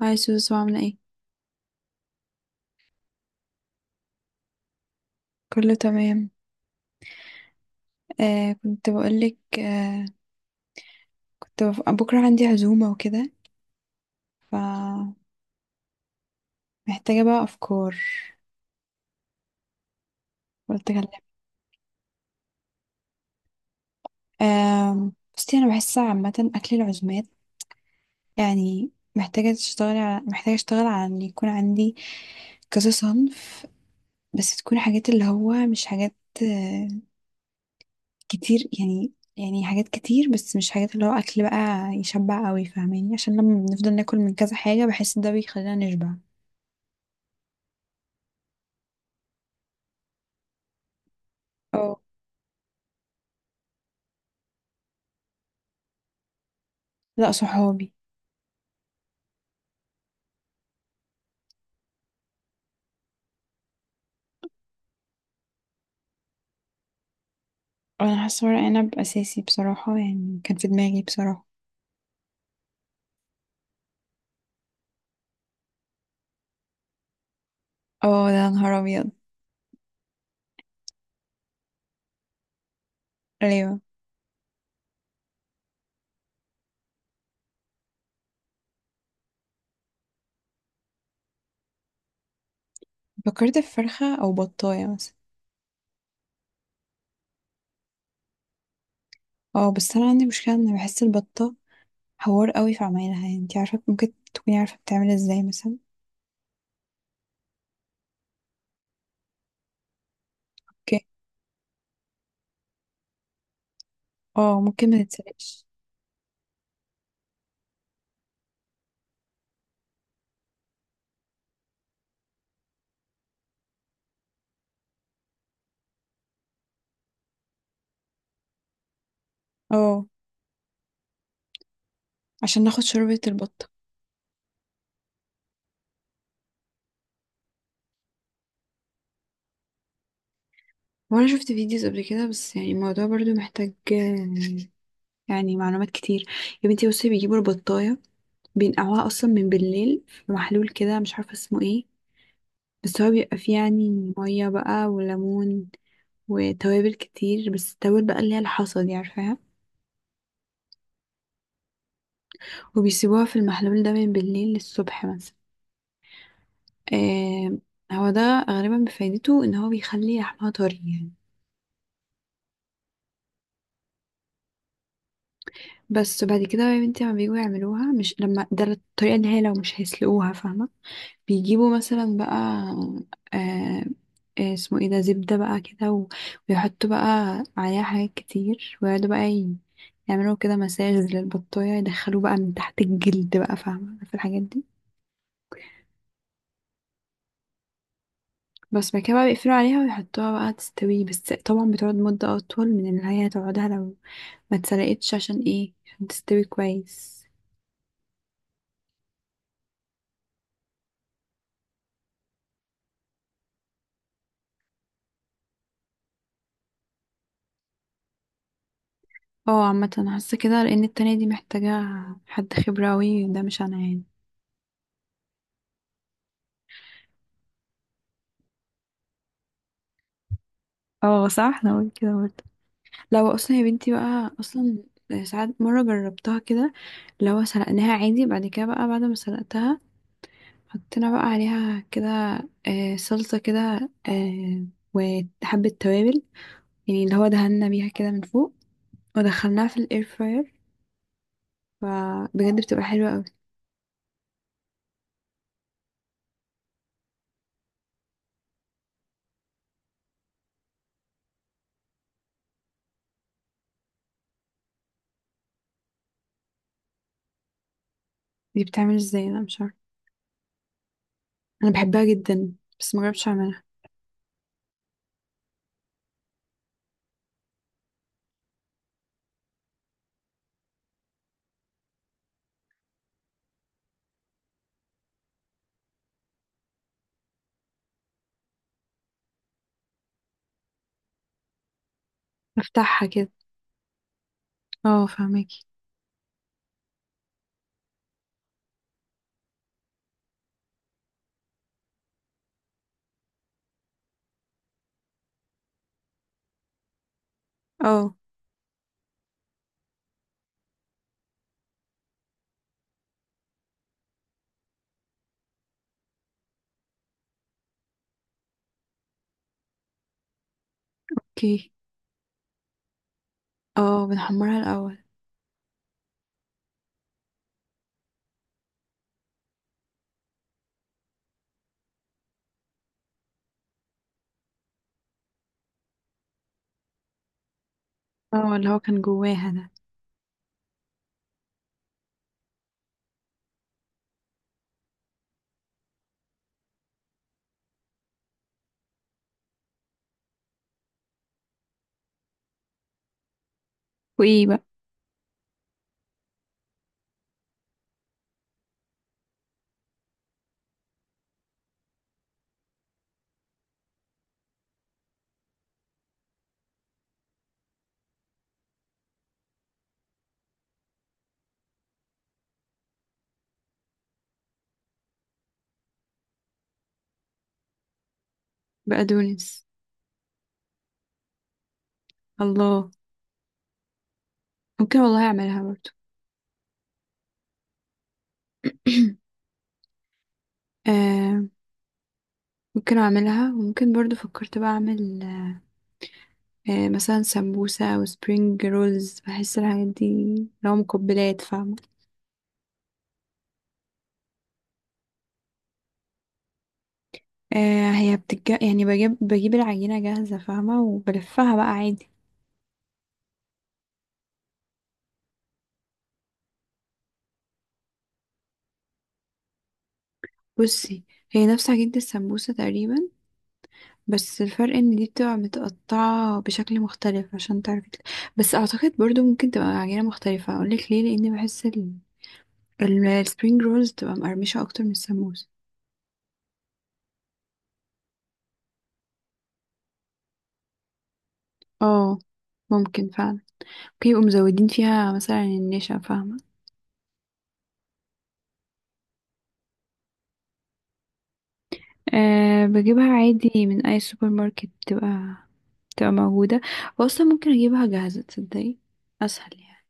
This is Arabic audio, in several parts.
هاي سوسو، عاملة ايه؟ كله تمام. كنت بقولك بكرة عندي عزومة وكده، فمحتاجة بقى أفكار. قلت أكلمك. آه، بصي أنا بحس عامة أكل العزومات يعني محتاجة محتاجة أشتغل على إن يكون عندي كذا صنف، بس تكون حاجات اللي هو مش حاجات آه كتير. يعني حاجات كتير، بس مش حاجات اللي هو أكل بقى يشبع قوي، فاهماني؟ عشان لما بنفضل ناكل من كذا حاجة، بحس ده بيخلينا نشبع. اه. لا، صحابي. انا حاسه ورق عنب اساسي بصراحه، يعني كان في دماغي بصراحه. اه، ده نهار ابيض. ايوه. فكرت في فرخه او بطايه مثلا. اه، بس انا عندي مشكله ان بحس البطه حوار قوي في عمايلها، يعني انتي عارفه، ممكن تكوني عارفه بتعمل ازاي مثلا؟ اوكي. اه، ممكن ما تتسلقش. اه، عشان ناخد شوربه البطه. وانا شفت فيديوز قبل كده، بس يعني الموضوع برضو محتاج يعني معلومات كتير. يا بنتي بصي، بيجيبوا البطايه بينقعوها اصلا من بالليل في محلول كده، مش عارفه اسمه ايه. بس هو بيبقى فيه يعني مية بقى وليمون وتوابل كتير، بس التوابل بقى اللي هي الحصى دي، عارفاها. وبيسيبوها في المحلول ده من بالليل للصبح مثلا. آه. هو ده غالبا بفايدته ان هو بيخلي لحمها طري يعني. بس بعد كده بقى يا بنتي، لما بيجوا يعملوها مش لما ده، الطريقة اللي هي لو مش هيسلقوها، فاهمة؟ بيجيبوا مثلا بقى آه اسمه ايه ده، زبدة بقى كده، ويحطوا بقى عليها حاجات كتير، ويقعدوا بقى يعملوا كده مساج للبطاية، يدخلوه بقى من تحت الجلد بقى، فاهمة في الحاجات دي. بس بعد كده بقى بيقفلوا عليها ويحطوها بقى تستوي، بس طبعا بتقعد مدة أطول من اللي هي هتقعدها لو ما اتسلقتش. عشان ايه؟ عشان تستوي كويس. اه، عامة أنا حاسة كده، لأن التانية دي محتاجة حد خبرة أوي، ده مش أنا يعني. اه صح، أنا قلت كده برضه. لو اصلا يا بنتي بقى، اصلا ساعات مره جربتها كده. لو سلقناها عادي، بعد كده بقى بعد ما سلقتها حطينا بقى عليها كده صلصه كده، آه، وحبه توابل، يعني اللي هو دهنا بيها كده من فوق، ودخلناها في الاير فراير. فبجد بتبقى حلوه قوي. دي بتعمل ازاي؟ انا مش عارفه. انا بحبها جدا، بس ما جربتش اعملها. بفتحها كده. اه فهماكي. اه. اوكي. اه، بنحمرها الاول. اه، اللي هو كان جواها ده. وايه بقى؟ بقدونس. الله. ممكن والله اعملها برضو. آه. ممكن اعملها، وممكن برضو فكرت بقى اعمل مثلا سمبوسة او سبرينج رولز. بحس الحاجات دي لو مقبلات، فاهمة. هي يعني بجيب العجينة جاهزة فاهمة، وبلفها بقى عادي. بصي، هي نفس عجينة السمبوسة تقريبا، بس الفرق ان دي بتبقى متقطعة بشكل مختلف عشان تعرفي بس اعتقد برضو ممكن تبقى عجينة مختلفة. اقولك ليه؟ لاني بحس السبرينج رولز تبقى مقرمشة أكتر من السموس. اه. ممكن فعلا. ممكن يبقوا مزودين فيها مثلا النشا، فاهمة. أه، بجيبها عادي من أي سوبر ماركت، بتبقى موجودة. وأصلا ممكن أجيبها جاهزة، تصدقي، أسهل يعني.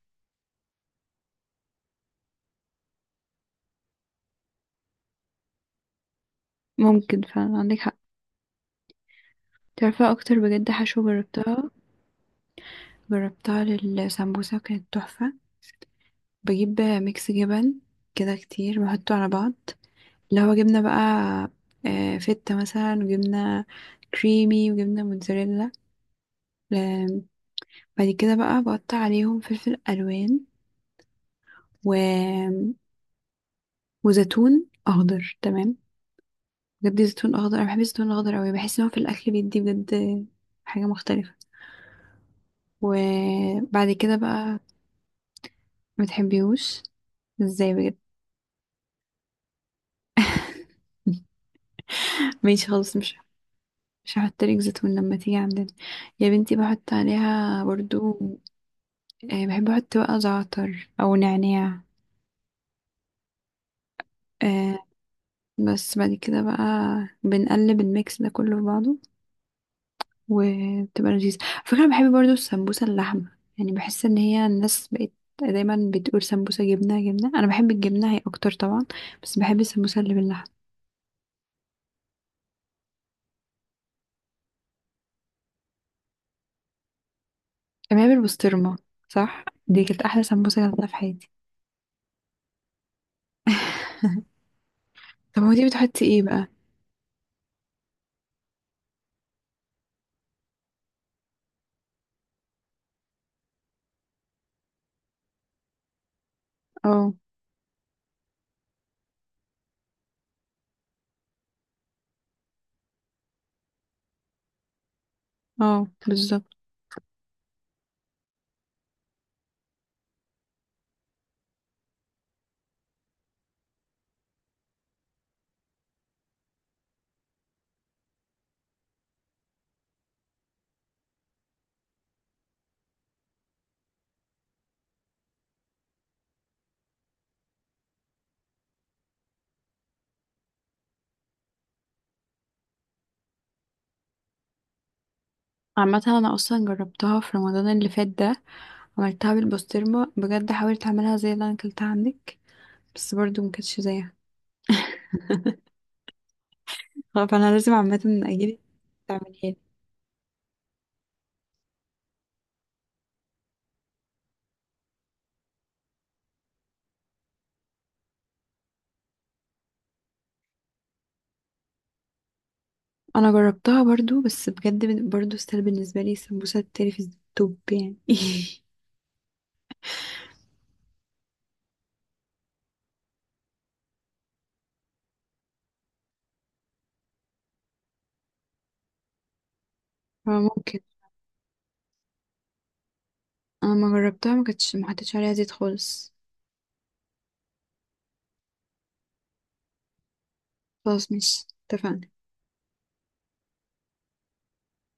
ممكن فعلا، عندك حق. تعرفي أكتر بجد حشوة جربتها، جربتها للسمبوسة كانت تحفة. بجيب ميكس جبن كده كتير، بحطه على بعض. لو جبنا بقى فتة مثلا، وجبنا كريمي، وجبنا موتزاريلا آم، بعد كده بقى بقطع عليهم فلفل ألوان و... وزيتون أخضر، تمام. بجد زيتون أخضر، أنا بحب الزيتون الأخضر أوي، بحس إن هو في الأكل بيدي بجد حاجة مختلفة. وبعد كده بقى. متحبيهوش؟ ازاي بجد. ماشي خلاص، مش هحط لك زيتون لما تيجي عندنا. يا بنتي بحط عليها برضو بحب احط بقى زعتر او نعناع آه بس بعد كده بقى بنقلب الميكس ده كله في بعضه. وبتبقى لذيذة. على فكرة، أنا بحب برضو السمبوسة اللحمة، يعني بحس ان هي الناس بقت دايما بتقول سمبوسة جبنة. جبنة انا بحب الجبنة هي اكتر طبعا، بس بحب السمبوسة اللي باللحمة. انا بحب البسطرمة. صح، دي كانت احلى سمبوسة جربتها في حياتي. طب هو دي بتحطي ايه بقى؟ اه. اه بالظبط. عامة انا اصلا جربتها في رمضان اللي فات ده، عملتها بالبسطرمة. بجد حاولت اعملها زي اللي انا اكلتها عندك بس برضو مكانتش زيها. فانا لازم عامة اجيلك تعمليها لي. انا جربتها برضو، بس بجد برضو ستيل بالنسبة لي السمبوسة التري في التوب يعني. فممكن. انا ما جربتها ما كانتش ما حطيتش عليها زيت خالص. خلاص، مش اتفقنا.